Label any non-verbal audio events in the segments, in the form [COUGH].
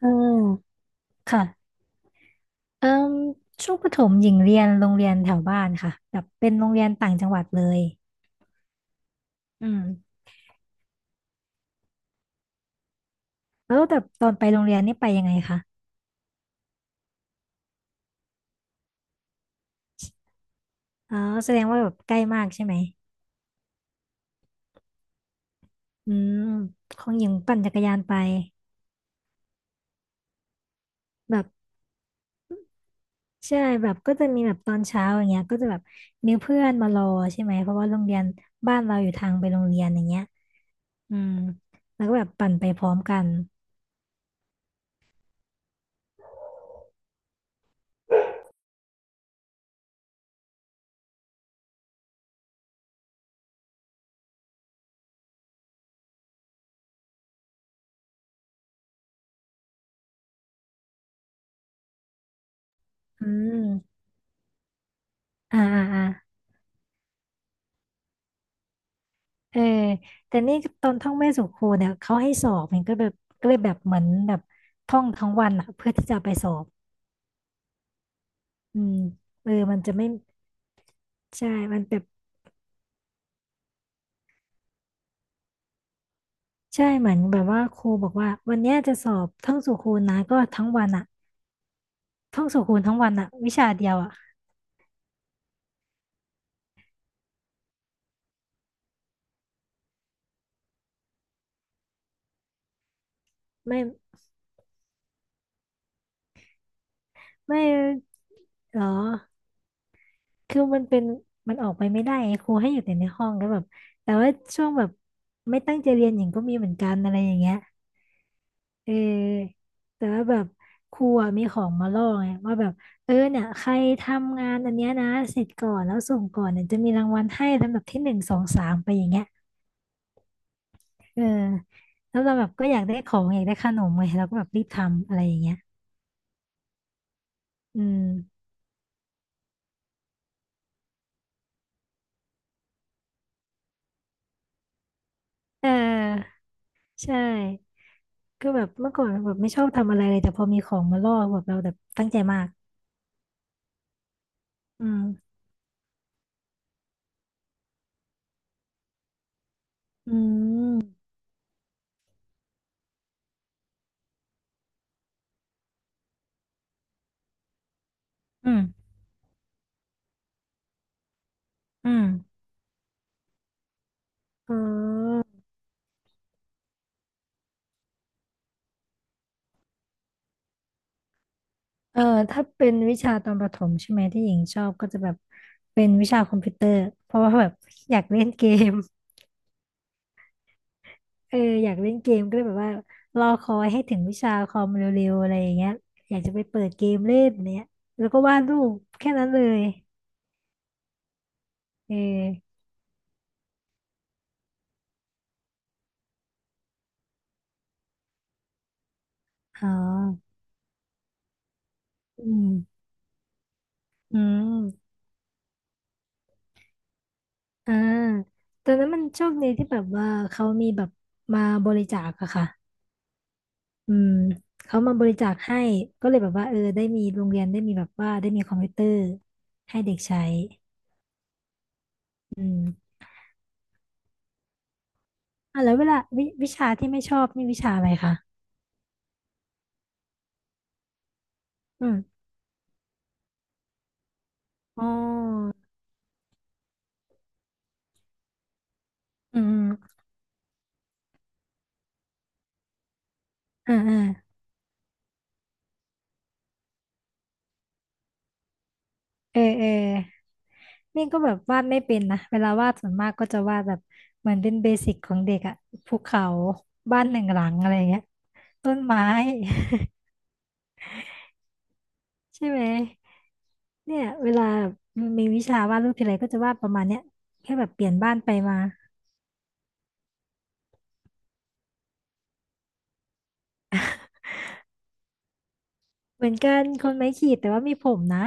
เออค่ะเอ่มช่วงประถมหญิงเรียนโรงเรียนแถวบ้านค่ะแบบเป็นโรงเรียนต่างจังหวัดเลยอืมแล้วแต่ตอนไปโรงเรียนนี่ไปยังไงคะอ๋อแสดงว่าแบบใกล้มากใช่ไหมอืมของหญิงปั่นจักรยานไปแบบใช่แบบก็จะมีแบบตอนเช้าอย่างเงี้ยก็จะแบบมีเพื่อนมารอใช่ไหมเพราะว่าโรงเรียนบ้านเราอยู่ทางไปโรงเรียนอย่างเงี้ยอืมแล้วก็แบบปั่นไปพร้อมกันอืมอ่าอ่าอ่า เออแต่นี่ตอนท่องแม่สู่ครูเนี่ยเขาให้สอบมันก็แบบก็เลยแบบเหมือนแบบท่องทั้งวันอะเพื่อที่จะไปสอบอืมเออมันจะไม่ใช่มันแบบใช่เหมือนแบบว่าครูบอกว่าวันเนี้ยจะสอบท่องสู่ครูนะก็ทั้งวันอะท่องสู่ครูทั้งวันอะวิชาเดียวอะไม่ไม่หรอคือมันเป็นมันออกไปไม่ได้ไงครูให้อยู่แต่ในห้องแล้วแบบแต่ว่าช่วงแบบไม่ตั้งใจเรียนหญิงก็มีเหมือนกันอะไรอย่างเงี้ย เออแต่ว่าแบบครูอะมีของมาล่อไงว่าแบบเออเนี่ยใครทำงานอันเนี้ยนะเสร็จก่อนแล้วส่งก่อนเนี่ยจะมีรางวัลให้ลำดับที่หนึ่งสองสามไปอย่างเงี้ยเออแล้วเราแบบก็อยากได้ของอยากได้ขนมไงเราก็แบบรีบทำอะไรอย่างเงี้ยอืมเออใช่ก็แบบเมื่อก่อนแบบไม่ชอบทำอะไรเลยแต่พอมีของมาล่อแบบเราแบบตั้งใจมากอืมอืมอืมอืมอ๋อ เออถ้าเป็นวิชาตอนประถมใช่ไหมที่หญิงชอบก็จะแบบเป็นวิชาคอมพิวเตอร์เพราะว่าแบบอยากเล่นเกม [LAUGHS] เอออยากเล่นเกมก็เลยแบบว่ารอคอยให้ถึงวิชาคอมเร็วๆอะไรอย่างเงี้ยอยากจะไปเปิดเกมเล่นเนี้ยแล้วก็วาดรูปแค่นั้นเลยเอออ๋ออืมอืมอ่าตอนนั้นมันโชคดีที่แบบว่าเขามีแบบมาบริจาคอะค่ะ อืมเขามาบริจาคให้ก็เลยแบบว่าเออได้มีโรงเรียนได้มีแบบว่าได้มีคอมพิวเตอร์ให้เด็กใช้อืมอ่ะแล้วเวลาวิวิชาที่ไม่ชอบนี่วิชาอะไรคะอืมอ๋ออืมอืมอ่าอ่าเออเออนี่ก็แบบวาดไม่เป็นนะ เวลาวาดส่วนมากก็จะวาดแบบเหมือนเป็นเบสิกของเด็กอะภูเขาบ้านหนึ่งหลังอะไรเงี้ย ต้นไม้ [LAUGHS] ใช่ไหมเนี่ยเวลามีวิชาวาดรูปทีไรก็จะวาดประมาณเนี้ยแค่แบบเปลี่ยนบ้านไปมา เหมือนกันคนไม้ขีดแต่ว่ามีผมนะ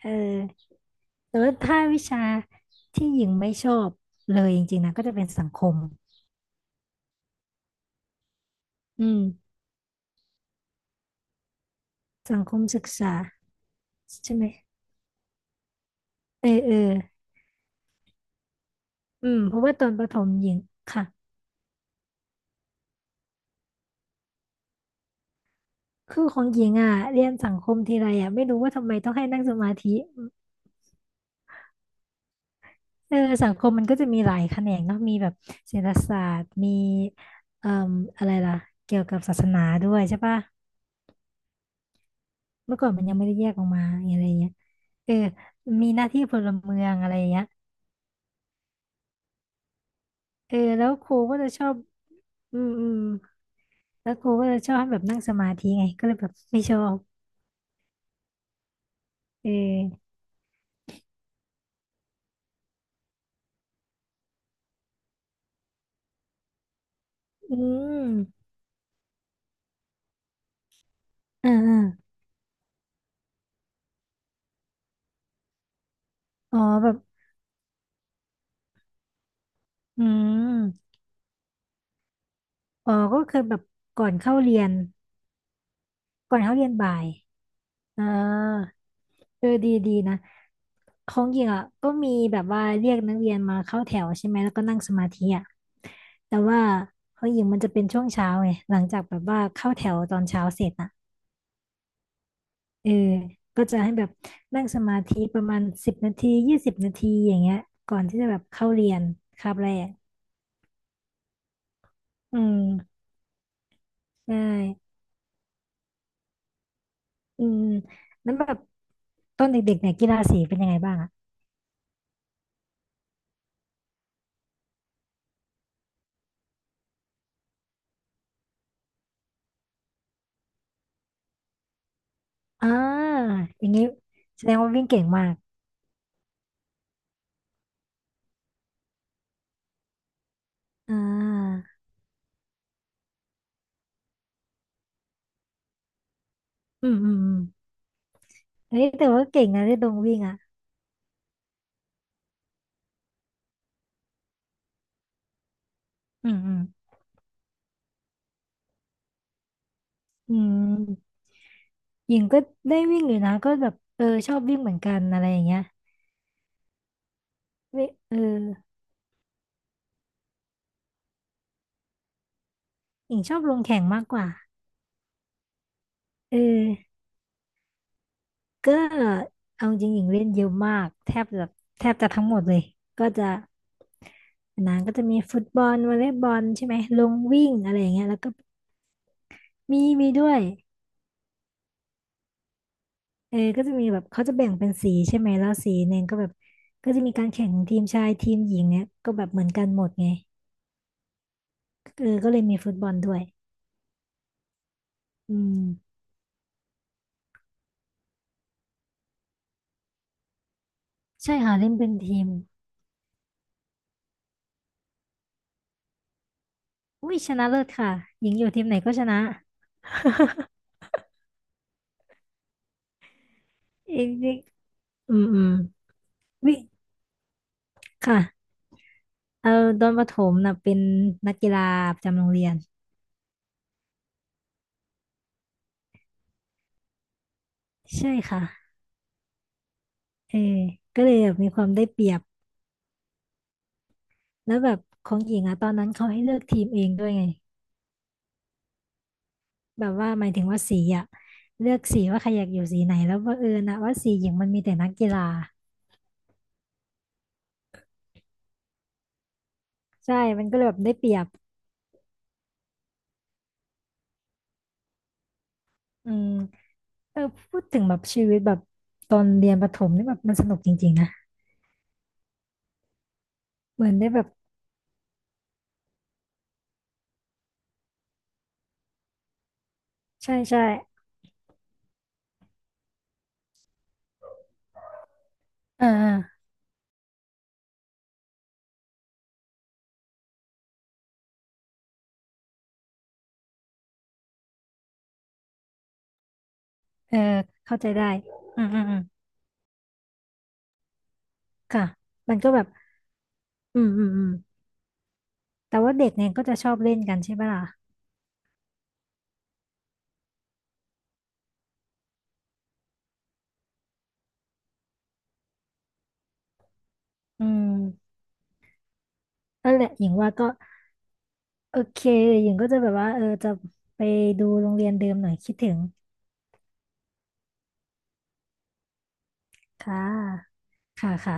เออแต่ว่าถ้าวิชาที่หญิงไม่ชอบเลยจริงๆนะก็จะเป็นสังคมอืมสังคมศึกษาใช่ไหมเออเอออืมเพราะว่าตอนประถมหญิงค่ะคือของหญิงอ่ะเรียนสังคมทีไรอ่ะไม่รู้ว่าทำไมต้องให้นั่งสมาธิเออสังคมมันก็จะมีหลายแขนงเนาะมีแบบเศรษฐศาสตร์มีเอ่ออะไรล่ะเกี่ยวกับศาสนาด้วยใช่ปะ เมื่อก่อนมันยังไม่ได้แยกออกมาอะไรเงี้ยเออมีหน้าที่พลเมืองอะไรเงี้ยเออแล้วครูก็จะชอบอืมอืมแล้วครูก็จะชอบให้แบบนั่งสมาธิไงก็เลยแบบไม่ชอบเอออืมอ่าอาอ๋อแบบอืมอ๋อก็คือแบบก่อนเข้าเรียนก่อนเข้าเรียนบ่าย อ่าเออดีดีนะของหญิงอ่ะก็มีแบบว่าเรียกนักเรียนมาเข้าแถวใช่ไหมแล้วก็นั่งสมาธิอ่ะแต่ว่าของหญิงมันจะเป็นช่วงเช้าไงหลังจากแบบว่าเข้าแถวตอนเช้าเสร็จอ่ะเออก็จะให้แบบนั่งสมาธิประมาณสิบนาที20 นาทีอย่างเงี้ยก่อนที่จะแบบเข้าเรียนคาบแรกอืมใช่อืมแล้วแบบตอนเด็กๆเนี่ยกีฬาสีเป็นยังไงบ้างอ่ะอ่าอย่างงี้แสดงว่าวิ่งเก่งมาก อ่าอืมอืมอืมเฮ้ยแต่ว่าเก่งนะที่ตรงวิ่งอ่ะอืมอืมอืมหญิงก็ได้วิ่งอยู่นะก็แบบเออชอบวิ่งเหมือนกันอะไรอย่างเงี้ยเวเออหญิงชอบลงแข่งมากกว่า เออก็เอาจริงหญิงเล่นเยอะมาก แทบจะแทบจะทั้งหมดเลย ก็จะนานก็จะมีฟุตบอลวอลเลย์บอลใช่ไหม ลงวิ่งอะไรอย่างเงี้ยแล้วก็มีด้วย เออก็จะมีแบบเขาจะแบ่งเป็นสีใช่ไหมแล้วสีหนึ่งก็แบบก็จะมีการแข่งทีมชายทีมหญิงเนี่ยก็แบบเหมือนกันหมดไงเออก็เลยมีฟุตบอลด้วยอืมใช่ค่ะเล่นเป็นทีมอุ้ยชนะเลิศค่ะหญิงอยู่ทีมไหนก็ชนะเอกเอกอืมอืมวิค่ะเอาตอนประถมนะเป็นนักกีฬาประจำโรงเรียนใช่ค่ะเออก็เลยแบบมีความได้เปรียบแล้วแบบของหญิงอะตอนนั้นเขาให้เลือกทีมเองด้วยไง แบบว่าหมายถึงว่าสีอะเลือกสีว่าใครอยากอยู่สีไหนแล้วบังเอิญนะว่าสีหญิงมันมีแต่นักกีฬาใช่มันก็เลยแบบได้เปรียบอืมเออพูดถึงแบบชีวิตแบบตอนเรียนประถมนี่แบบมันสนุกจริงๆนะเหมือนได้แบบใช่ใช่เออเออเออเข้าใจได้อืมอืมอืมค่ะมันก็แบบอืมอืมอืมแต่ว่าเด็กเนี่ยก็จะชอบเล่นกันใช่ปะล่ะอืมนั่นแหละหญิงว่าก็โอเคหญิงก็จะแบบว่าเออจะไปดูโรงเรียนเดิมหน่อยคิดถึง ค่ะค่ะค่ะ